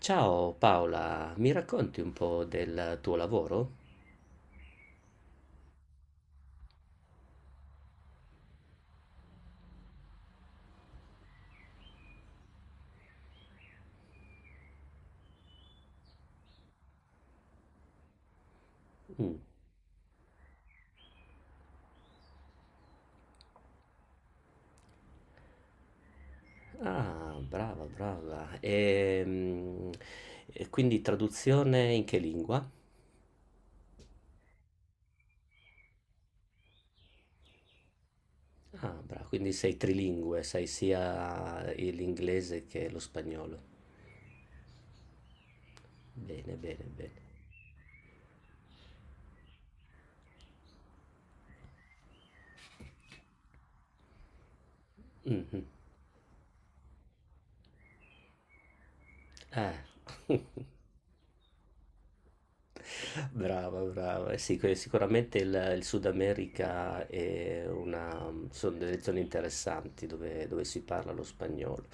Ciao Paola, mi racconti un po' del tuo lavoro? Mm. Ah, brava, brava. E, quindi traduzione in che lingua? Ah, brava, quindi sei trilingue, sai sia l'inglese che lo spagnolo. Bene, bene, bene. Mhm. Eh. Brava, brava. Eh sì, sicuramente il Sud America sono delle zone interessanti dove si parla lo spagnolo.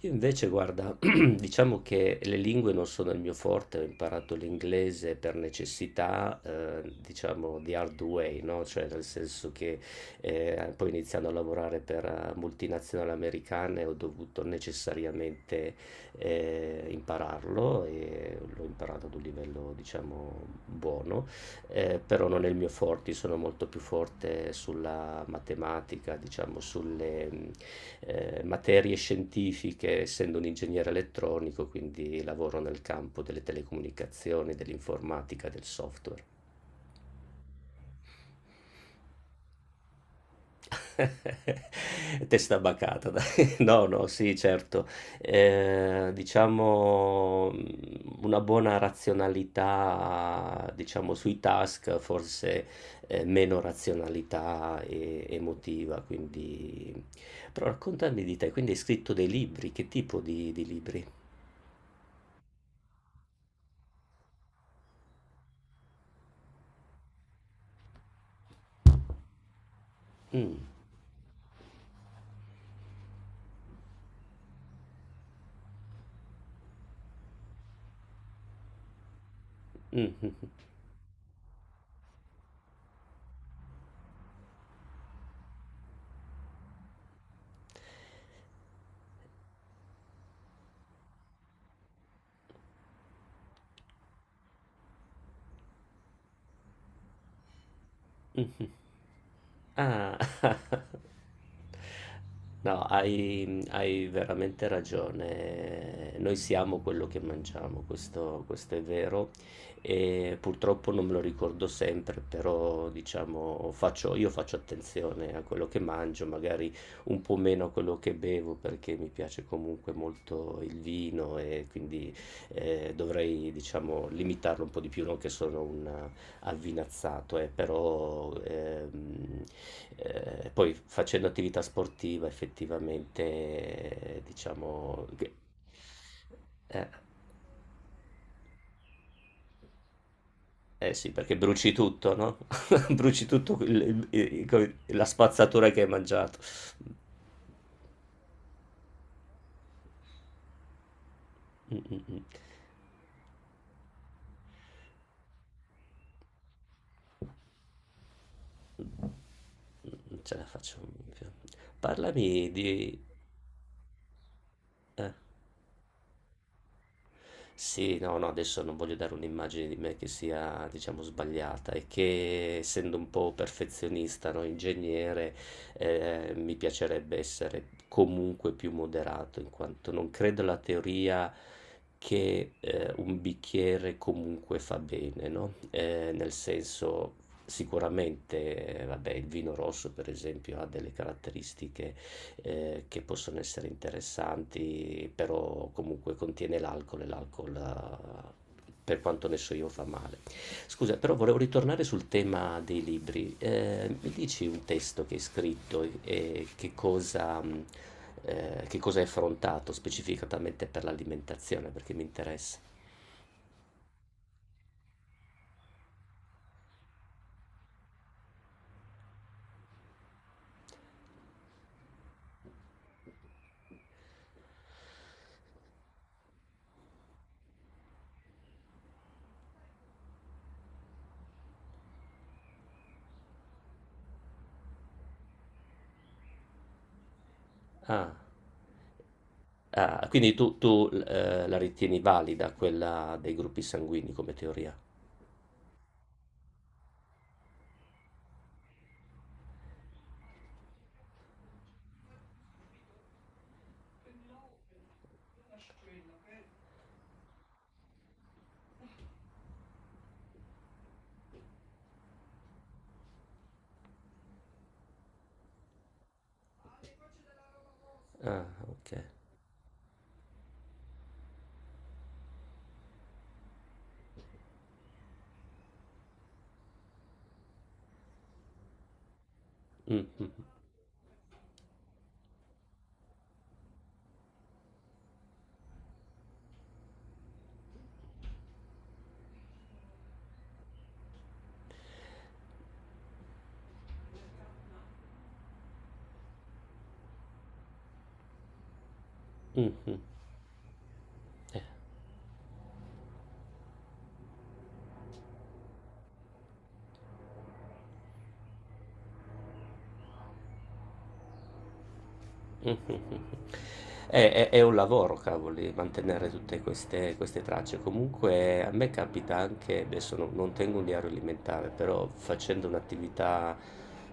Io invece, guarda, diciamo che le lingue non sono il mio forte, ho imparato l'inglese per necessità, diciamo, the hard way, no? Cioè, nel senso che poi iniziando a lavorare per multinazionali americane ho dovuto necessariamente impararlo e l'ho imparato ad un livello diciamo buono, però non è il mio forte, io sono molto più forte sulla matematica, diciamo sulle materie scientifiche, essendo un ingegnere elettronico, quindi lavoro nel campo delle telecomunicazioni, dell'informatica, del software. Testa bacata, dai. No, no, sì, certo. Diciamo una buona razionalità, diciamo, sui task, forse meno razionalità emotiva. Quindi. Però raccontami di te, quindi hai scritto dei libri, che tipo di libri? Mm, mm, mm. Mh-mh. Ah. No, hai veramente ragione. Noi siamo quello che mangiamo, questo è vero e purtroppo non me lo ricordo sempre, però diciamo faccio io faccio attenzione a quello che mangio, magari un po' meno a quello che bevo perché mi piace comunque molto il vino e quindi, dovrei diciamo limitarlo un po' di più, non che sono un avvinazzato, però poi facendo attività sportiva effettivamente, diciamo, eh, eh sì, perché bruci tutto, no? Bruci tutto la spazzatura che hai mangiato. Mm, mm, mm. Non ce la faccio. Parlami di. Eh. Sì, no, no, adesso non voglio dare un'immagine di me che sia, diciamo, sbagliata e che essendo un po' perfezionista, no, ingegnere, mi piacerebbe essere comunque più moderato, in quanto non credo alla teoria che un bicchiere comunque fa bene, no? Nel senso, sicuramente, vabbè, il vino rosso, per esempio, ha delle caratteristiche che possono essere interessanti, però comunque contiene l'alcol e l'alcol, per quanto ne so io, fa male. Scusa, però volevo ritornare sul tema dei libri. Mi dici un testo che hai scritto e che cosa hai affrontato specificatamente per l'alimentazione, perché mi interessa. Ah, ah, quindi tu, la ritieni valida quella dei gruppi sanguigni come teoria? Ah, ok. Mm, mm, mm, mm. È un lavoro, cavoli, mantenere tutte queste tracce. Comunque a me capita anche, adesso non tengo un diario alimentare, però facendo un'attività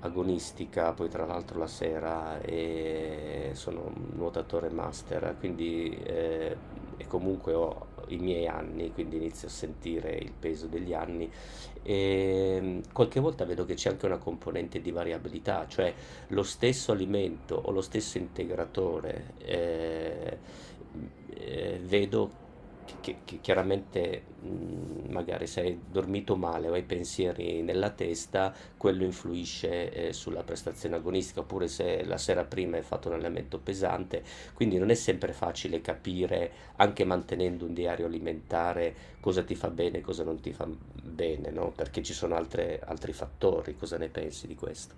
agonistica, poi tra l'altro la sera, e sono un nuotatore master, quindi e comunque ho i miei anni, quindi inizio a sentire il peso degli anni. E, qualche volta vedo che c'è anche una componente di variabilità, cioè lo stesso alimento o lo stesso integratore, vedo che chiaramente magari se hai dormito male o hai pensieri nella testa, quello influisce sulla prestazione agonistica, oppure se la sera prima hai fatto un allenamento pesante, quindi non è sempre facile capire, anche mantenendo un diario alimentare, cosa ti fa bene e cosa non ti fa bene, no? Perché ci sono altri fattori, cosa ne pensi di questo?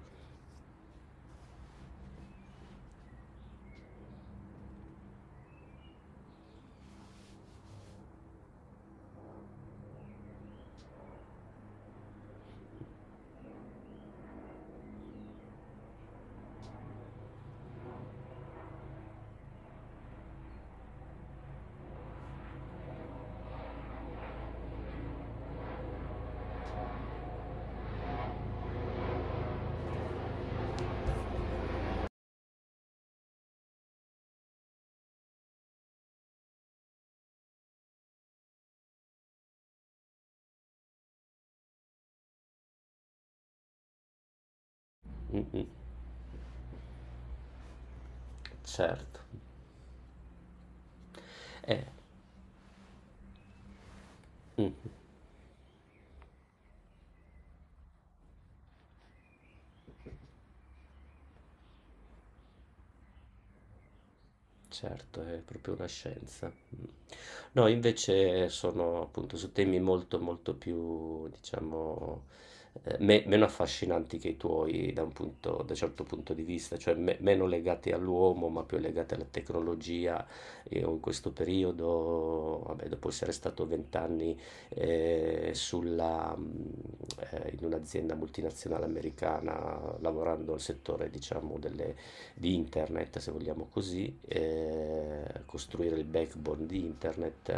Mm, mm. Certo, eh, mh, certo, è proprio una scienza. Mh. No, invece sono appunto su temi molto, molto più, diciamo, meno affascinanti che i tuoi da un certo punto di vista, cioè meno legati all'uomo, ma più legati alla tecnologia. Io in questo periodo, vabbè, dopo essere stato vent'anni eh, sulla, mh, in un'azienda multinazionale americana, lavorando nel settore, diciamo, delle di internet, se vogliamo così, costruire il backbone di internet.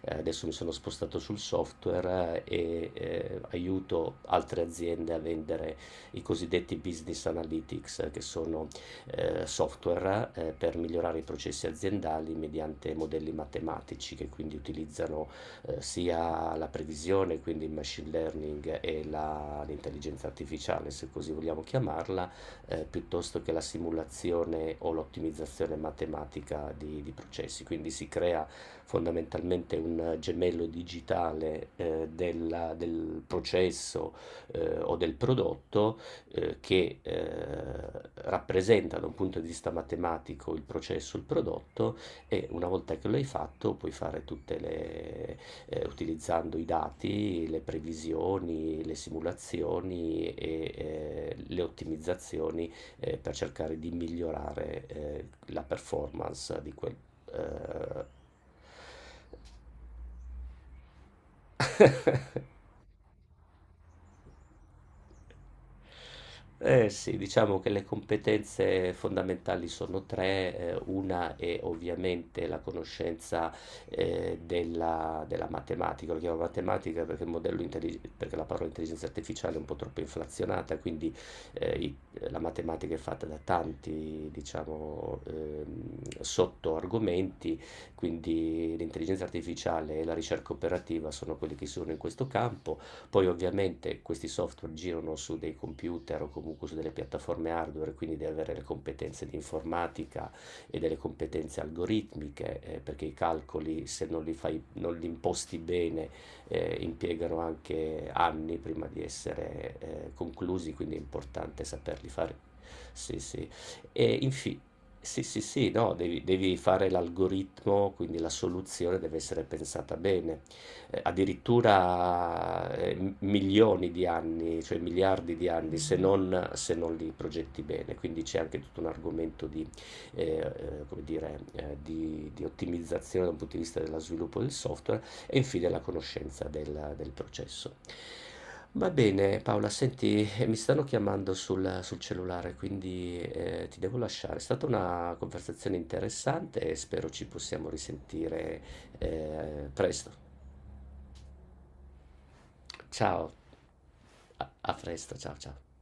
Adesso mi sono spostato sul software e aiuto altre aziende a vendere i cosiddetti business analytics, che sono software per migliorare i processi aziendali mediante modelli matematici che quindi utilizzano sia la previsione, quindi il machine learning e l'intelligenza artificiale, se così vogliamo chiamarla piuttosto che la simulazione o l'ottimizzazione matematica di processi. Quindi si crea fondamentalmente un gemello digitale del processo o del prodotto che rappresenta da un punto di vista matematico il processo, il prodotto e una volta che lo hai fatto puoi fare tutte utilizzando i dati, le previsioni, le simulazioni e le ottimizzazioni per cercare di migliorare la performance di quel eh, Eh sì, diciamo che le competenze fondamentali sono tre, una è ovviamente la conoscenza della matematica, lo chiamo matematica perché la parola intelligenza artificiale è un po' troppo inflazionata, quindi eh, i- la matematica è fatta da tanti, diciamo, sottoargomenti, quindi l'intelligenza artificiale e la ricerca operativa sono quelli che sono in questo campo. Poi ovviamente questi software girano su dei computer o comunque su delle piattaforme hardware, quindi devi avere le competenze di informatica e delle competenze algoritmiche, perché i calcoli, se non li fai, non li imposti bene, impiegano anche anni prima di essere conclusi, quindi è importante saperli fare. Sì, sì. E infine, sì, sì, sì, no, devi fare l'algoritmo, quindi la soluzione deve essere pensata bene addirittura milioni di anni, cioè miliardi di anni, se non li progetti bene. Quindi c'è anche tutto un argomento come dire, di ottimizzazione da un punto di vista dello sviluppo del software e infine la conoscenza del processo. Va bene, Paola, senti, mi stanno chiamando sul cellulare, quindi ti devo lasciare. È stata una conversazione interessante e spero ci possiamo risentire presto. Ciao, a presto, ciao ciao.